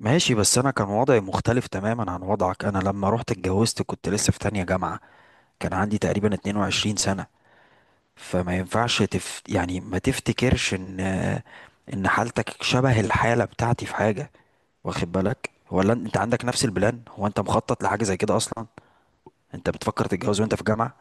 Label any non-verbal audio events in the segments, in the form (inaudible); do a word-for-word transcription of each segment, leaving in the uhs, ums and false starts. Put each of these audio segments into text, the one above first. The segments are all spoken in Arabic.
ماشي، بس انا كان وضعي مختلف تماما عن وضعك. انا لما رحت اتجوزت كنت لسه في تانية جامعة. كان عندي تقريبا اتنين وعشرين سنة. فما ينفعش تف... يعني ما تفتكرش ان ان حالتك شبه الحالة بتاعتي في حاجة، واخد بالك؟ ولا انت عندك نفس البلان؟ هو انت مخطط لحاجة زي كده اصلا؟ انت بتفكر تتجوز وانت في جامعة؟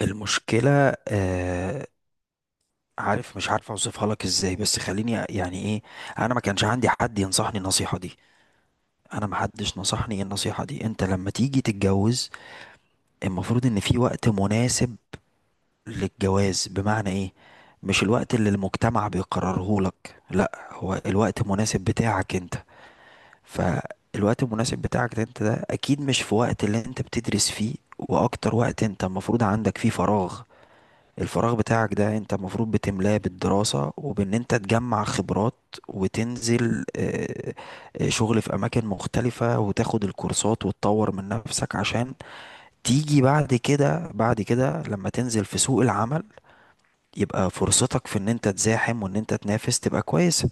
المشكلة آه... عارف، مش عارف اوصفها لك ازاي، بس خليني يعني ايه. انا ما كانش عندي حد ينصحني النصيحة دي. انا محدش نصحني النصيحة دي. انت لما تيجي تتجوز المفروض ان في وقت مناسب للجواز. بمعنى ايه؟ مش الوقت اللي المجتمع بيقرره لك، لا، هو الوقت المناسب بتاعك انت. فالوقت المناسب بتاعك ده انت ده اكيد مش في وقت اللي انت بتدرس فيه، واكتر وقت انت المفروض عندك فيه فراغ. الفراغ بتاعك ده انت المفروض بتملاه بالدراسة وبان انت تجمع خبرات، وتنزل آه، آه، شغل في اماكن مختلفة، وتاخد الكورسات، وتطور من نفسك، عشان تيجي بعد كده بعد كده لما تنزل في سوق العمل يبقى فرصتك في ان انت تزاحم وان انت تنافس تبقى كويسة.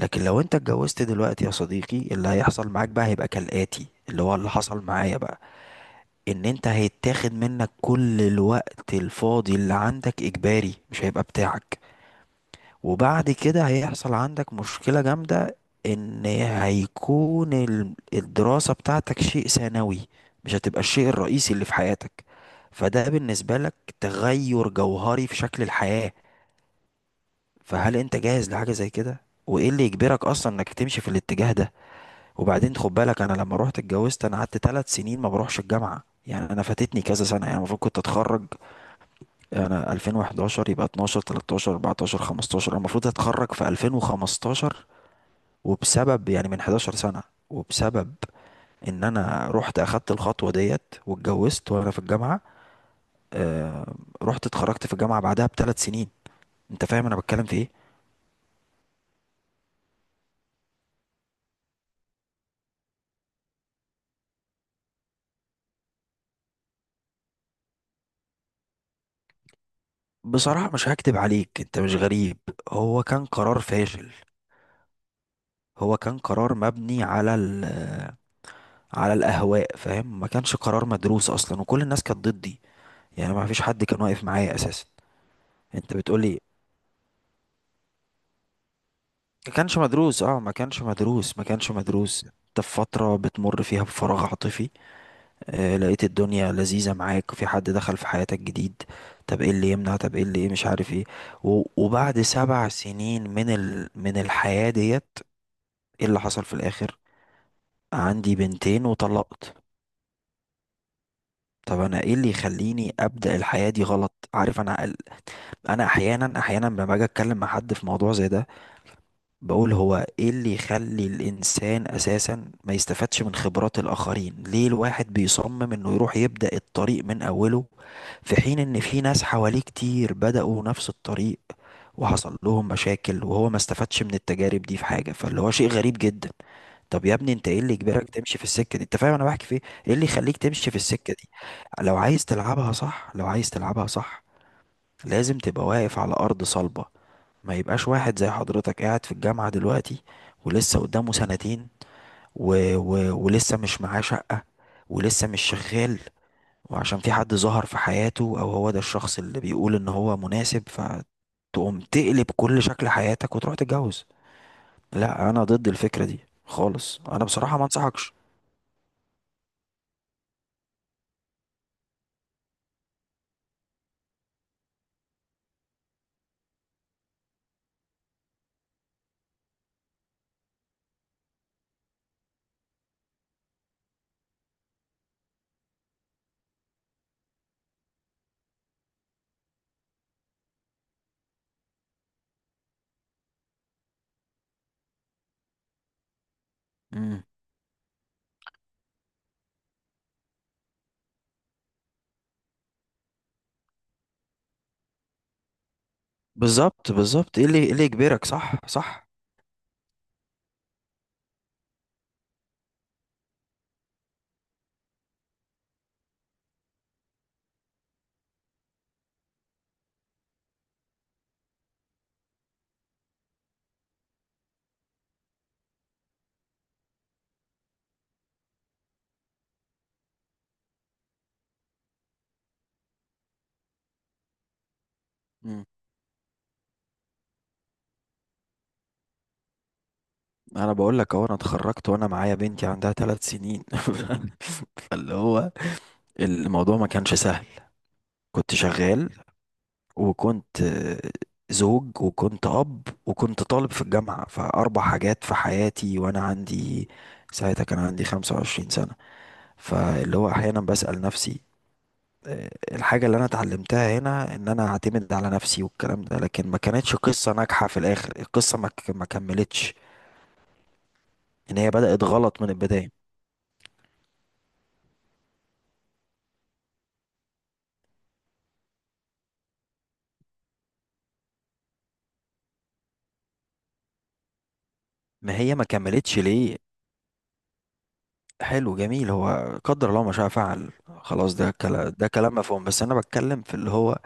لكن لو انت اتجوزت دلوقتي يا صديقي، اللي هيحصل معاك بقى هيبقى كالآتي، اللي هو اللي حصل معايا بقى. ان انت هيتاخد منك كل الوقت الفاضي اللي عندك اجباري، مش هيبقى بتاعك. وبعد كده هيحصل عندك مشكلة جامدة، ان هيكون ال- الدراسة بتاعتك شيء ثانوي، مش هتبقى الشيء الرئيسي اللي في حياتك. فده بالنسبة لك تغير جوهري في شكل الحياة. فهل انت جاهز لحاجة زي كده؟ وايه اللي يجبرك اصلا انك تمشي في الاتجاه ده؟ وبعدين خد بالك، انا لما روحت اتجوزت انا قعدت ثلاث سنين ما بروحش الجامعة. يعني انا فاتتني كذا سنة. يعني المفروض كنت اتخرج انا الفين واحد عشر، يبقى اتناشر، ثلاثة عشر، اربعتاشر، خمستاشر، انا المفروض اتخرج في الفين وخمستاشر. وبسبب، يعني من حداشر سنة، وبسبب ان انا رحت اخدت الخطوة ديت واتجوزت وانا في الجامعة، آه رحت اتخرجت في الجامعة بعدها بثلاث سنين. انت فاهم انا بتكلم في ايه؟ بصراحة مش هكدب عليك انت مش غريب، هو كان قرار فاشل. هو كان قرار مبني على ال آه، على الاهواء، فاهم؟ ما كانش قرار مدروس اصلا، وكل الناس كانت ضدي. يعني ما فيش حد كان واقف معايا اساسا. انت بتقولي ما كانش مدروس؟ اه، ما كانش مدروس ما كانش مدروس. انت في فترة بتمر فيها بفراغ عاطفي، آه لقيت الدنيا لذيذة معاك، في حد دخل في حياتك جديد، طب ايه اللي يمنع؟ طب ايه اللي ايه مش عارف ايه. و- وبعد سبع سنين من ال... من الحياة ديت، ايه اللي حصل في الاخر؟ عندي بنتين وطلقت. طب انا ايه اللي يخليني ابدأ الحياة دي غلط؟ عارف، انا انا احيانا احيانا لما باجي اتكلم مع حد في موضوع زي ده بقول هو ايه اللي يخلي الانسان اساسا ما يستفادش من خبرات الاخرين؟ ليه الواحد بيصمم انه يروح يبدأ الطريق من اوله في حين ان في ناس حواليه كتير بدأوا نفس الطريق وحصل لهم مشاكل، وهو ما استفادش من التجارب دي في حاجة؟ فاللي هو شيء غريب جدا. طب يا ابني انت ايه اللي يجبرك تمشي في السكة دي؟ انت فاهم انا بحكي في ايه؟ ايه اللي يخليك تمشي في السكة دي؟ لو عايز تلعبها صح لو عايز تلعبها صح لازم تبقى واقف على ارض صلبة، ما يبقاش واحد زي حضرتك قاعد في الجامعة دلوقتي ولسه قدامه سنتين و... و... ولسه مش معاه شقة، ولسه مش شغال، وعشان في حد ظهر في حياته او هو ده الشخص اللي بيقول ان هو مناسب فتقوم تقلب كل شكل حياتك وتروح تتجوز. لا، انا ضد الفكرة دي خالص. انا بصراحة ما انصحكش. مم. بالظبط بالظبط، ايه اللي ايه اللي يجبرك؟ صح صح. مم. انا بقول لك اهو، انا اتخرجت وانا معايا بنتي عندها ثلاث سنين. (laughs) فاللي هو الموضوع ما كانش سهل. كنت شغال، وكنت آه، زوج، وكنت أب، وكنت طالب في الجامعة، فأربع حاجات في حياتي، وأنا عندي ساعتها كان عندي خمسة وعشرين سنة. فاللي هو أحيانا بسأل نفسي، آه، الحاجة اللي أنا اتعلمتها هنا إن أنا أعتمد على نفسي والكلام ده، لكن ما كانتش قصة ناجحة في الآخر. القصة ما ك- ما كملتش، إن هي بدأت غلط من البداية. ما هي ما كملتش ليه؟ حلو، جميل، هو قدر الله ما شاء فعل، خلاص، ده كلام ده كلام مفهوم، بس انا بتكلم في اللي هو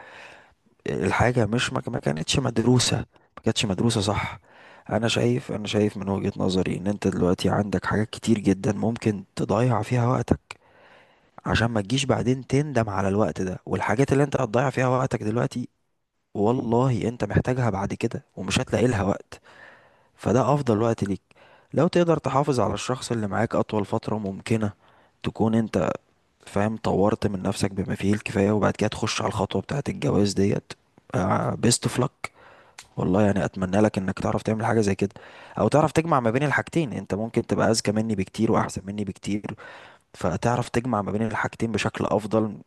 الحاجه مش، ما ما كانتش مدروسه. ما كانتش مدروسه، صح؟ انا شايف انا شايف من وجهه نظري ان انت دلوقتي عندك حاجات كتير جدا ممكن تضيع فيها وقتك، عشان ما تجيش بعدين تندم على الوقت ده والحاجات اللي انت هتضيع فيها وقتك دلوقتي. والله انت محتاجها بعد كده ومش هتلاقي لها وقت. فده افضل وقت ليك، لو تقدر تحافظ على الشخص اللي معاك اطول فتره ممكنه، تكون انت فاهم طورت من نفسك بما فيه الكفاية، وبعد كده تخش على الخطوة بتاعة الجواز ديت. بيست اوف لك. والله يعني اتمنى لك انك تعرف تعمل حاجة زي كده، او تعرف تجمع ما بين الحاجتين. انت ممكن تبقى اذكى مني بكتير واحسن مني بكتير، فتعرف تجمع ما بين الحاجتين بشكل افضل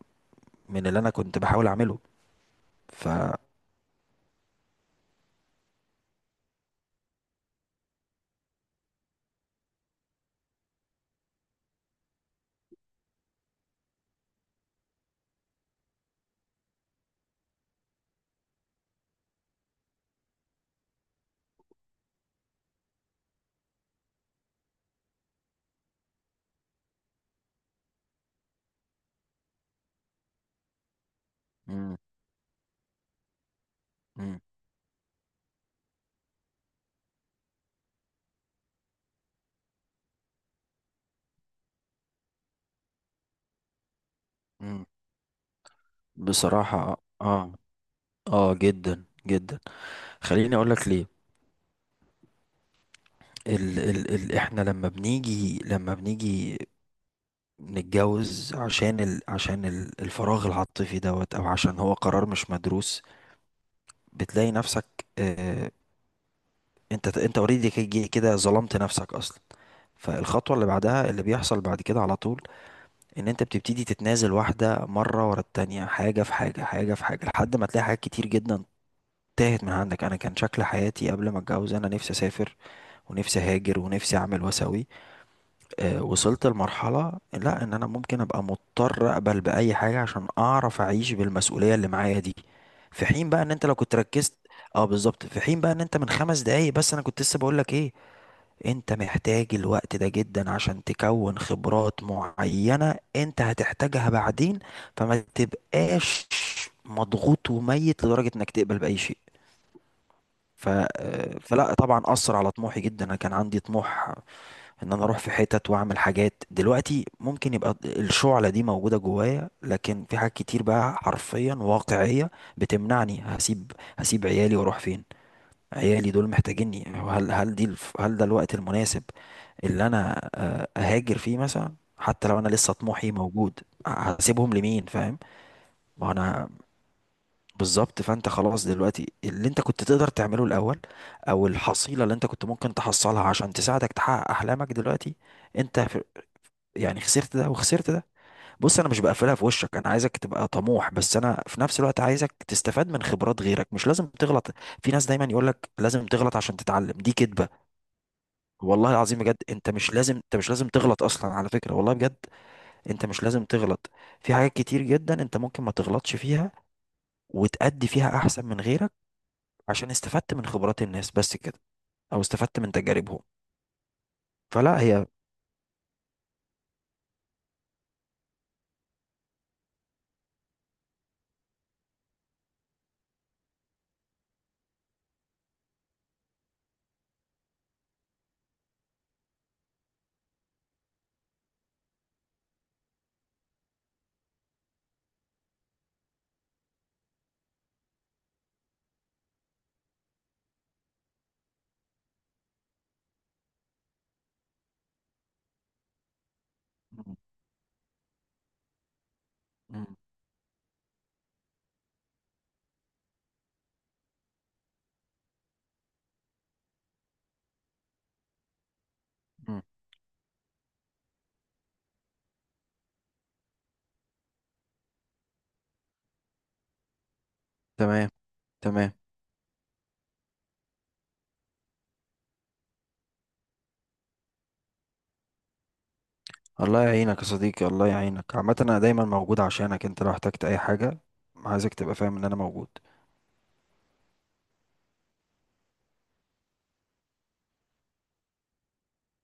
من اللي انا كنت بحاول اعمله. ف مم. مم. مم. بصراحة، اه اه، آه، جدا جدا. خليني اقول لك ليه. ال ال ال احنا لما بنيجي لما بنيجي نتجوز عشان ال... عشان ال- الفراغ العاطفي دوت، او عشان هو قرار مش مدروس، بتلاقي نفسك، آه، انت انت اوريدي كي- كده ظلمت نفسك اصلا. فالخطوة اللي بعدها اللي بيحصل بعد كده على طول ان انت بتبتدي تتنازل واحدة مرة ورا التانية، حاجة في حاجة حاجة في حاجة، لحد ما تلاقي حاجات كتير جدا تاهت من عندك. انا كان شكل حياتي قبل ما اتجوز انا نفسي اسافر، ونفسي اهاجر، ونفسي اعمل واسوي، آه، وصلت لمرحلة لا، ان انا ممكن ابقى مضطر اقبل باي حاجة عشان اعرف اعيش بالمسؤولية اللي معايا دي. في حين بقى ان انت لو كنت ركزت، اه بالظبط، في حين بقى ان انت من خمس دقايق بس انا كنت لسه بقول لك ايه، انت محتاج الوقت ده جدا عشان تكون خبرات معينة انت هتحتاجها بعدين، فما تبقاش مضغوط وميت لدرجة انك تقبل باي شيء. ف... آه، فلا طبعا اثر على طموحي جدا. انا كان عندي طموح ان انا اروح في حتت واعمل حاجات. دلوقتي ممكن يبقى الشعلة دي موجودة جوايا، لكن في حاجات كتير بقى حرفيا واقعية بتمنعني. هسيب هسيب عيالي واروح فين؟ عيالي دول محتاجيني. هل هل دي الف- هل ده الوقت المناسب اللي انا آه، اهاجر فيه مثلا حتى لو انا لسه طموحي موجود؟ هسيبهم لمين؟ فاهم؟ ما انا بالظبط. فانت خلاص دلوقتي اللي انت كنت تقدر تعمله الاول، او الحصيلة اللي انت كنت ممكن تحصلها عشان تساعدك تحقق احلامك دلوقتي، انت يعني خسرت ده وخسرت ده. بص، انا مش بقفلها في وشك، انا عايزك تبقى طموح، بس انا في نفس الوقت عايزك تستفاد من خبرات غيرك. مش لازم تغلط. في ناس دايما يقول لك لازم تغلط عشان تتعلم، دي كدبة. والله العظيم بجد، انت مش لازم انت مش لازم تغلط اصلا، على فكرة، والله بجد انت مش لازم تغلط. في حاجات كتير جدا انت ممكن ما تغلطش فيها وتأدي فيها احسن من غيرك عشان استفدت من خبرات الناس، بس كده، او استفدت من تجاربهم. فلا هي م- م- م- تمام، تمام. الله يعينك يا صديقي، الله يعينك. عامة أنا دايما موجود عشانك، أنت لو احتجت أي حاجة. عايزك تبقى فاهم إن أنا موجود.